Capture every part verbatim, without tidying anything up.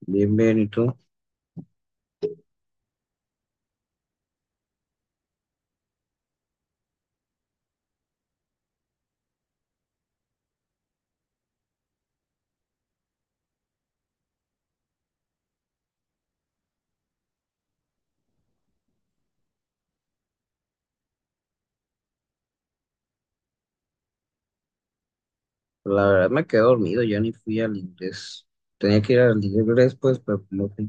Bien, bien, ¿y tú? La verdad me quedé dormido, ya ni fui al inglés. Tenía que ir al inglés, pues, pero no fui.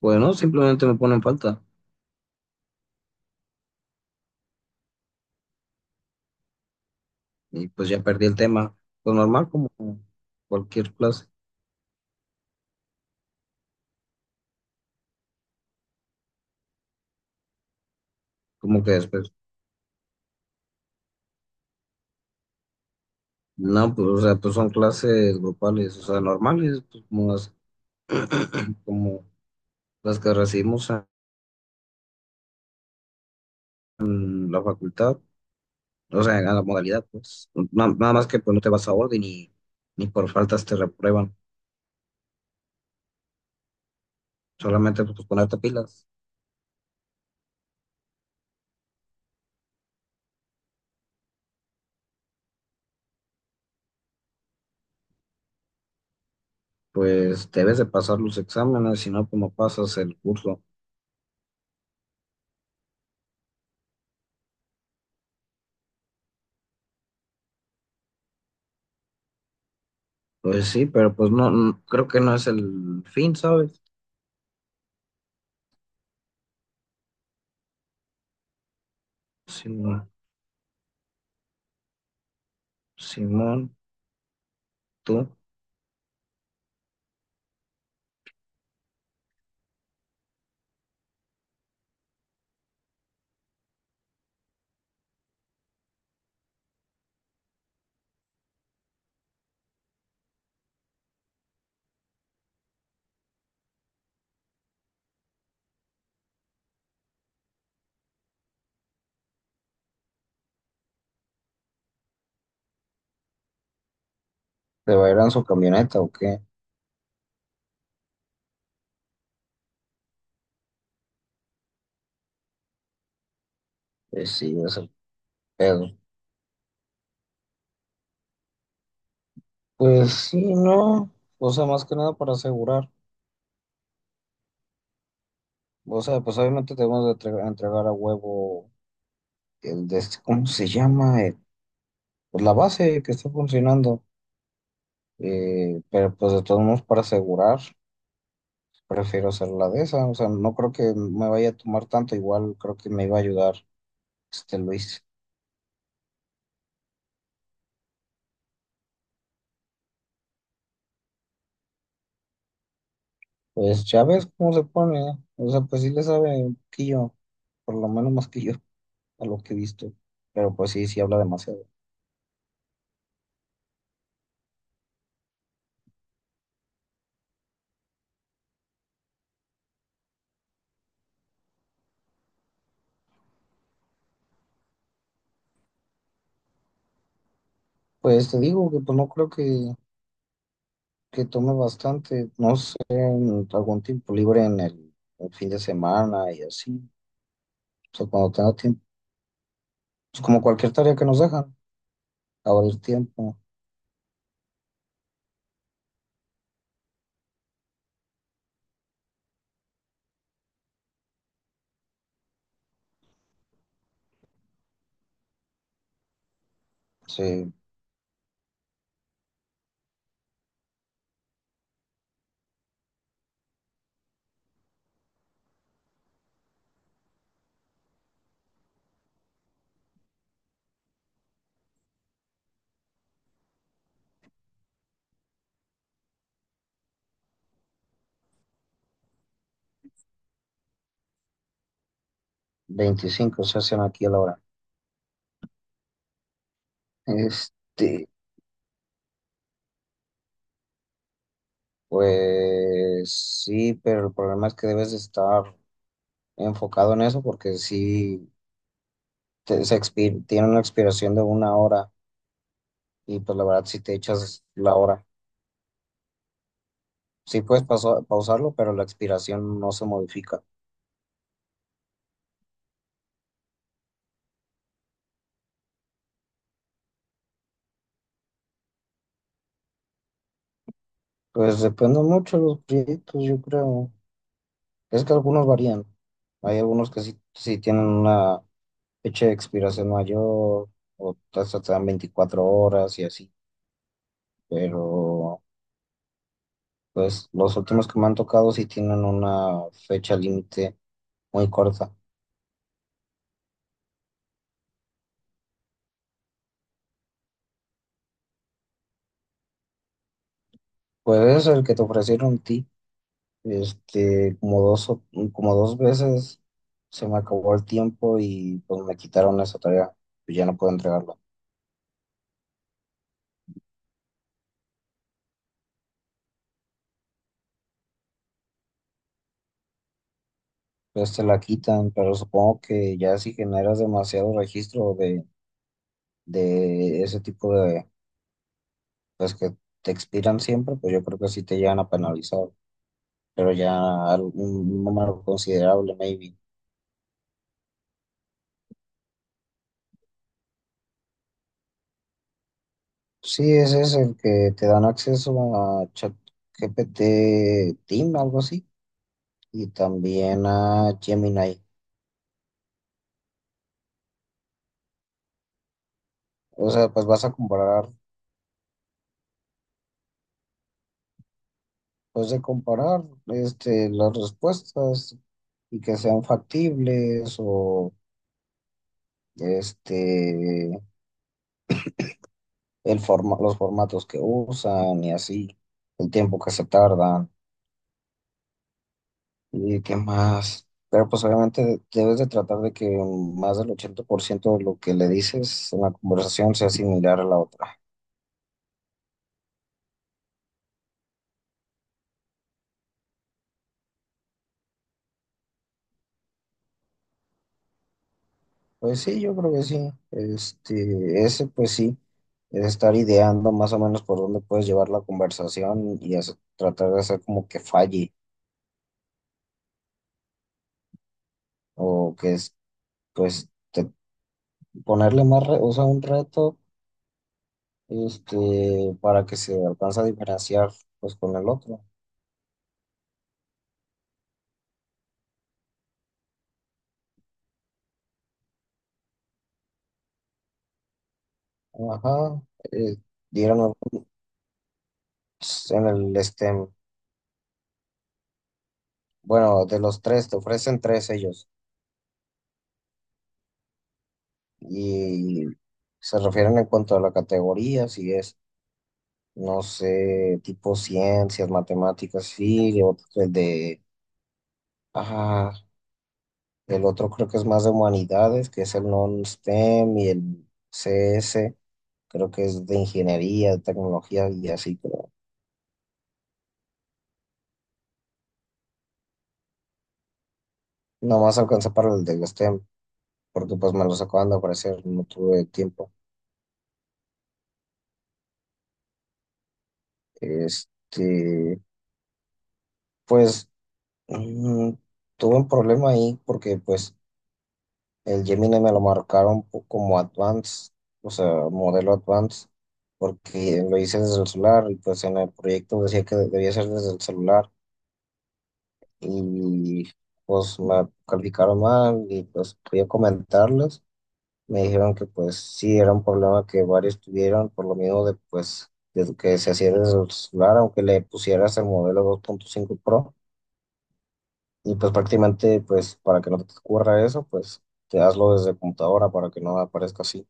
Bueno, simplemente me ponen falta y pues ya perdí el tema. Pues normal, como cualquier clase, como que después. No, pues, o sea, pues son clases grupales, o sea, normales, pues, como las, como las que recibimos en la facultad, o sea, en la modalidad, pues. Na- Nada más que pues no te vas a orden y ni por faltas te reprueban, solamente pues ponerte pilas. Pues debes de pasar los exámenes, si no, como pasas el curso? Pues sí, pero pues no, no- creo que no es el fin, ¿sabes? Simón, Simón, ¿tú te va a ir en su camioneta o qué? Pues sí, es el pedo. Pues sí, no, o sea, más que nada para asegurar. O sea, pues obviamente debemos de entre- entregar a huevo el de este- ¿cómo se llama? Eh, pues la base que está funcionando. Eh, pero pues de todos modos para asegurar. Prefiero hacer la de esa, o sea, no creo que me vaya a tomar tanto, igual creo que me iba a ayudar este Luis. Pues ya ves cómo se pone, o sea, pues sí le sabe un poquillo, por lo menos más que yo, a lo que he visto, pero pues sí, sí habla demasiado. Pues te digo que pues no creo que, que tome bastante, no sé, en algún tiempo libre en el, el fin de semana y así, o sea, cuando tenga tiempo, es como cualquier tarea que nos dejan, abrir tiempo, sí, veinticinco se hacen aquí a la hora. Este. Pues sí, pero el problema es que debes de estar enfocado en eso porque sí te- se expi- tiene una expiración de una hora y pues la verdad si te echas la hora, sí puedes paso- pausarlo, pero la expiración no se modifica. Pues depende mucho de los proyectos, yo creo. Es que algunos varían. Hay algunos que sí, sí tienen una fecha de expiración mayor o hasta te dan veinticuatro horas y así, pero. Pues los últimos que me han tocado sí tienen una fecha límite muy corta. Pues es el que te ofrecieron a ti, este, como dos, o- como dos veces se me acabó el tiempo y pues me quitaron esa tarea, pues ya no puedo entregarla. Pues te la quitan, pero supongo que ya si generas demasiado registro de, de ese tipo de, pues que te expiran siempre, pues yo creo que sí te llegan a penalizar, pero ya un número considerable, maybe. Sí, ese es el que te dan acceso a ChatGPT Team, algo así, y también a Gemini. O sea, pues vas a comparar, pues de comparar este, las respuestas y que sean factibles o este, el forma, los formatos que usan y así, el tiempo que se tardan. ¿Y qué más? Pero pues obviamente debes de tratar de que más del ochenta por ciento de lo que le dices en la conversación sea similar a la otra. Pues sí, yo creo que sí. Este, ese pues sí, es estar ideando más o menos por dónde puedes llevar la conversación y hacer- tratar de hacer como que falle o que es, pues te- ponerle más, re- o sea, un reto, este, para que se alcance a diferenciar pues con el otro. Ajá. eh, s- En el, este, bueno, de los tres, te ofrecen tres ellos. Y se refieren en cuanto a la categoría, si es, no sé, tipo ciencias, matemáticas, sí, y otro- el de, ah, el otro creo que es más de humanidades, que es el non-STEM y el C S, creo que es de ingeniería, de tecnología y así, pero nomás alcanza para el del STEM, porque pues me los acaban de ofrecer, no tuve tiempo. Este. Pues Mm, tuve un problema ahí porque pues el Gemini me lo marcaron po- como Advanced, o sea, modelo Advanced, porque lo hice desde el celular y pues en el proyecto decía que debía ser desde el celular y pues me calificaron mal y pues fui a comentarles. Me dijeron que pues sí era un problema que varios tuvieron por lo mismo de pues de que se hacía desde el celular, aunque le pusieras el modelo dos punto cinco Pro. Y pues prácticamente, pues para que no te ocurra eso, pues te hazlo desde computadora para que no aparezca así.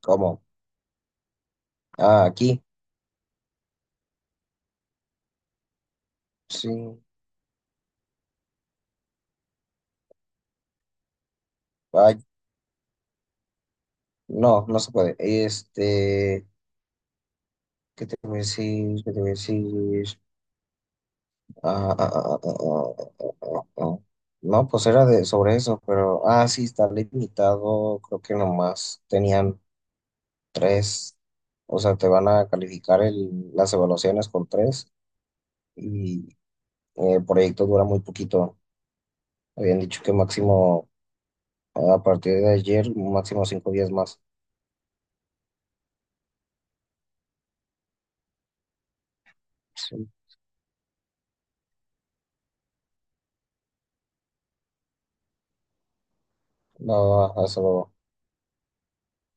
Como. Ah, aquí. Sí. Ay, no, no se puede. Este, ¿qué te voy a decir? ¿Qué te voy a decir? Ah, ah, ah, ah, ah, ah, ah, ah. ah. No, pues era de, sobre eso, pero, ah, sí, está limitado. Creo que nomás tenían tres. O sea, te van a calificar el, las evaluaciones con tres y eh, el proyecto dura muy poquito. Habían dicho que máximo a partir de ayer, máximo cinco días más. Sí. No, hasta luego.